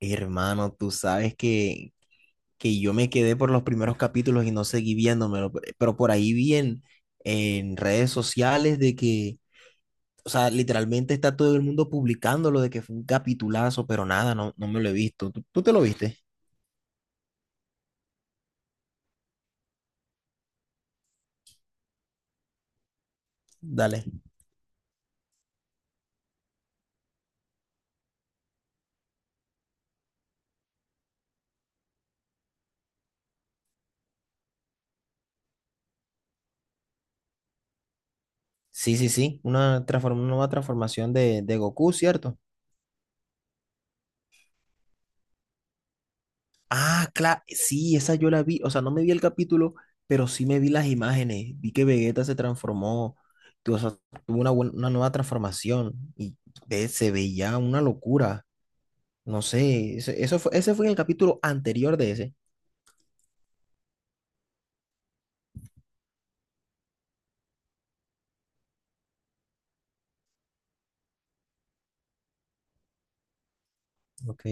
Hermano, tú sabes que yo me quedé por los primeros capítulos y no seguí viéndomelo, pero por ahí vi en redes sociales de que, o sea, literalmente está todo el mundo publicándolo de que fue un capitulazo, pero nada, no, no me lo he visto. Tú te lo viste? Dale. Sí, sí, sí, una nueva transformación de Goku, ¿cierto? Ah, claro, sí, esa yo la vi, o sea, no me vi el capítulo, pero sí me vi las imágenes, vi que Vegeta se transformó, o sea, tuvo una nueva transformación y se veía una locura, no sé, ese fue en el capítulo anterior de ese. Ok.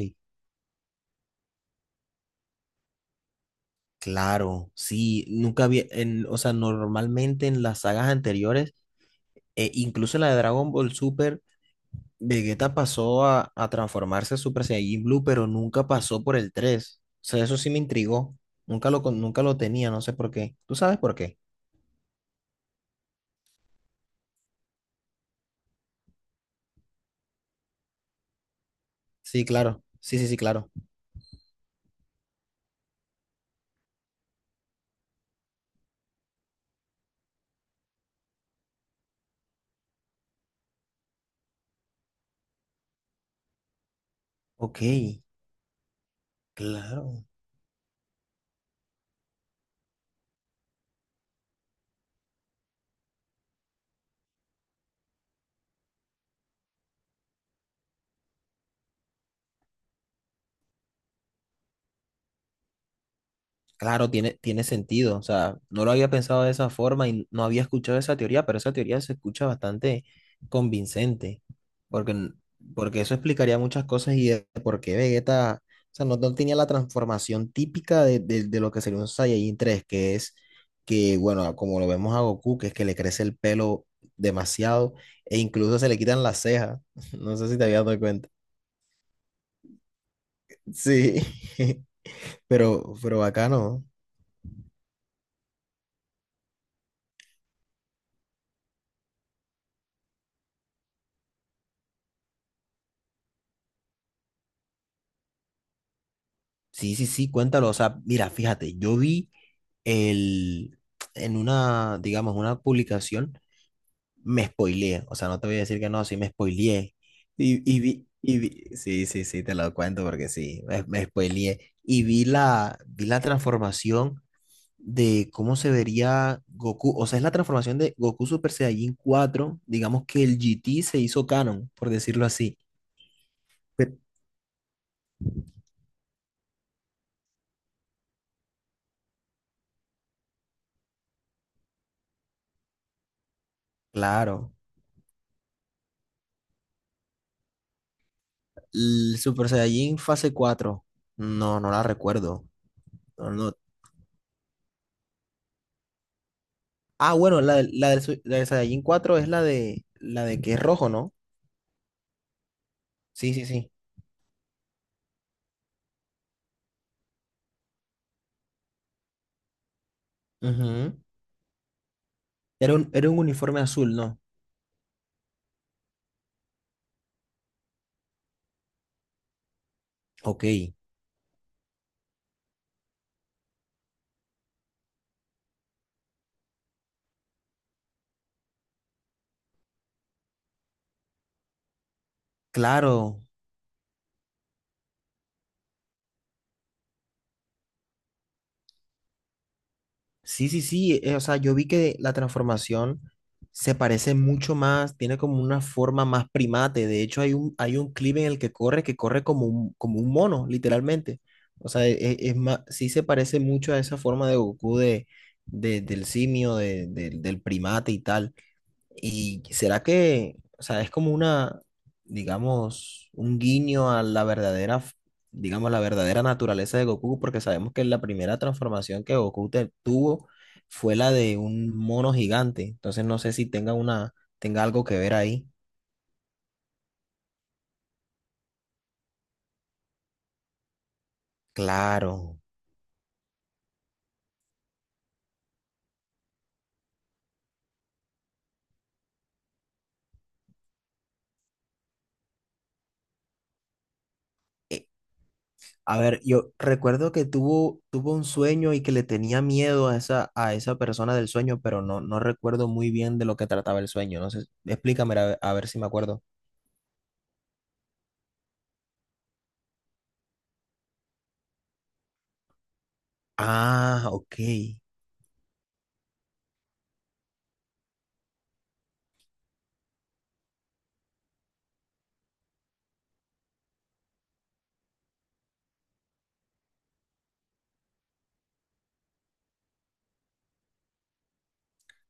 Claro, sí, nunca vi, o sea, normalmente en las sagas anteriores, incluso en la de Dragon Ball Super, Vegeta pasó a transformarse a Super Saiyajin Blue, pero nunca pasó por el tres. O sea, eso sí me intrigó. Nunca lo tenía, no sé por qué. ¿Tú sabes por qué? Sí, claro. Sí, sí, sí, claro. Ok, claro. Claro, tiene sentido. O sea, no lo había pensado de esa forma y no había escuchado esa teoría, pero esa teoría se escucha bastante convincente, porque, porque eso explicaría muchas cosas y de por qué Vegeta, o sea, no, no tenía la transformación típica de lo que sería un Saiyajin 3, que es que, bueno, como lo vemos a Goku, que es que le crece el pelo demasiado e incluso se le quitan las cejas. No sé si te habías dado cuenta. Sí, pero bacano. Sí, sí, sí, cuéntalo. O sea, mira, fíjate, yo vi el, en una, digamos, una publicación, me spoileé. O sea, no te voy a decir que no, sí me spoileé. Sí, sí, sí, te lo cuento porque sí, me spoileé. Y vi vi la transformación de cómo se vería Goku. O sea, es la transformación de Goku Super Saiyajin cuatro. Digamos que el GT se hizo canon, por decirlo así. Pe- Claro. El Super Saiyajin fase cuatro. No, no la recuerdo. No, no. Ah, bueno, la del Saiyajin 4 es la de que es rojo, ¿no? Sí, sí, sí. Ujú. Era un uniforme azul, ¿no? Ok, claro. Sí, sí, sí, o sea, yo vi que la transformación se parece mucho más, tiene como una forma más primate. De hecho, hay un clip en el que corre como un mono, literalmente. O sea, es, más, sí se parece mucho a esa forma de Goku del simio, del primate y tal. ¿Y será que, o sea, es como una, digamos, un guiño a la verdadera, digamos, la verdadera naturaleza de Goku? Porque sabemos que la primera transformación que Goku tuvo fue la de un mono gigante. Entonces no sé si tenga una, tenga algo que ver ahí. Claro. Eh, A ver, yo recuerdo que tuvo un sueño y que le tenía miedo a esa persona del sueño, pero no, no recuerdo muy bien de lo que trataba el sueño. No sé, explícame a ver si me acuerdo. Ah, ok.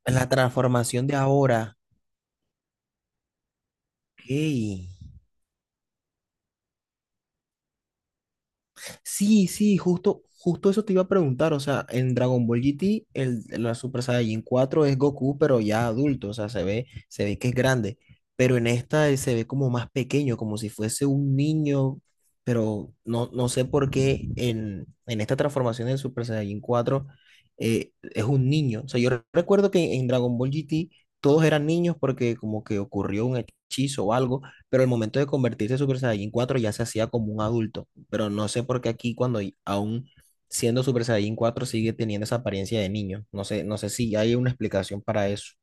La transformación de ahora. Ok. Sí, sí, justo, justo eso te iba a preguntar. O sea, en Dragon Ball GT, la Super Saiyajin 4 es Goku, pero ya adulto. O sea, se ve que es grande. Pero en esta él se ve como más pequeño, como si fuese un niño. Pero no, no sé por qué en esta transformación del Super Saiyajin 4 es un niño. O sea, yo recuerdo que en Dragon Ball GT todos eran niños porque como que ocurrió un hechizo o algo, pero el momento de convertirse en Super Saiyajin 4 ya se hacía como un adulto, pero no sé por qué aquí cuando aún siendo Super Saiyajin cuatro sigue teniendo esa apariencia de niño. No sé, no sé si hay una explicación para eso.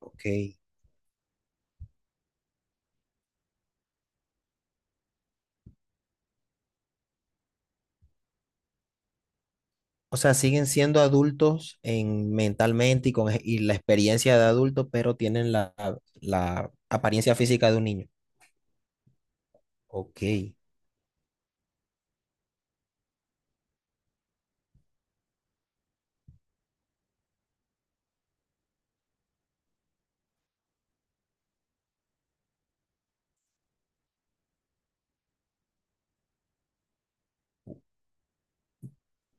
Ok. O sea, siguen siendo adultos en mentalmente y con y la experiencia de adulto, pero tienen la apariencia física de un niño. Ok,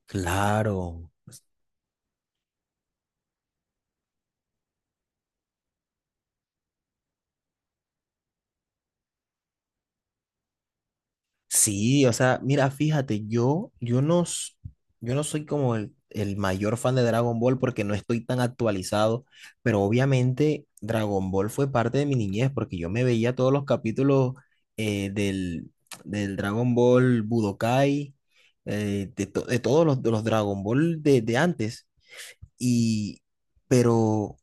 claro. Sí, o sea, mira, fíjate, yo no, yo no soy como el mayor fan de Dragon Ball porque no estoy tan actualizado, pero obviamente Dragon Ball fue parte de mi niñez porque yo me veía todos los capítulos eh, del, del Dragon Ball Budokai, de todos de los Dragon Ball de antes, y, pero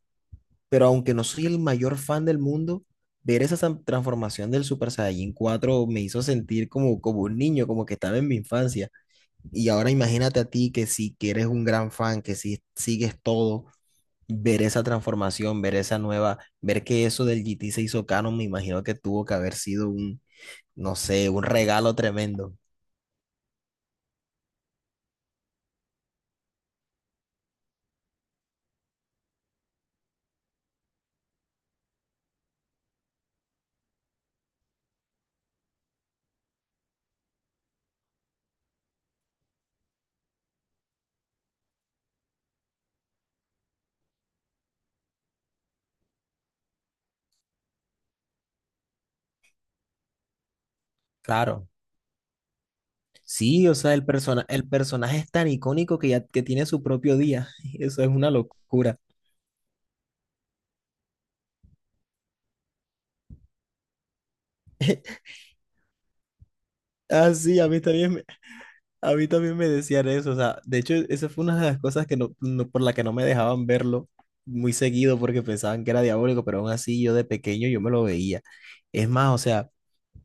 pero aunque no soy el mayor fan del mundo, ver esa transformación del Super Saiyajin cuatro me hizo sentir como un niño, como que estaba en mi infancia. Y ahora imagínate a ti que si que eres un gran fan, que si sigues todo, ver esa transformación, ver esa nueva, ver que eso del GT se hizo canon, me imagino que tuvo que haber sido un, no sé, un regalo tremendo. Claro. Sí, o sea, el personaje es tan icónico que ya que tiene su propio día. Eso es una locura. Ah, sí, a mí también. A mí también me decían eso, o sea, de hecho, esa fue una de las cosas que por la que no me dejaban verlo muy seguido porque pensaban que era diabólico, pero aún así yo de pequeño yo me lo veía. Es más, o sea,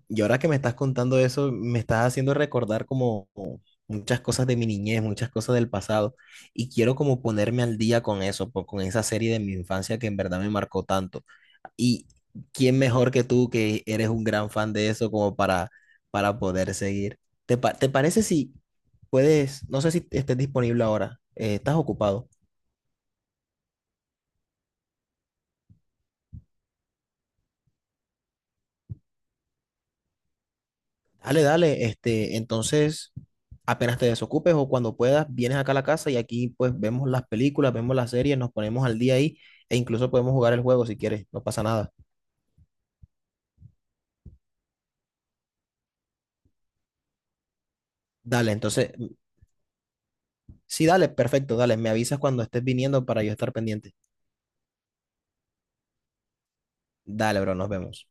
y ahora que me estás contando eso, me estás haciendo recordar como muchas cosas de mi niñez, muchas cosas del pasado, y quiero como ponerme al día con eso, con esa serie de mi infancia que en verdad me marcó tanto. Y quién mejor que tú, que eres un gran fan de eso, como para poder seguir. Te parece si puedes, no sé si estés disponible ahora, estás ocupado? Dale, dale, este, entonces apenas te desocupes o cuando puedas, vienes acá a la casa y aquí pues vemos las películas, vemos las series, nos ponemos al día ahí e incluso podemos jugar el juego si quieres, no pasa nada. Dale, entonces, sí, dale, perfecto, dale, me avisas cuando estés viniendo para yo estar pendiente. Dale, bro, nos vemos.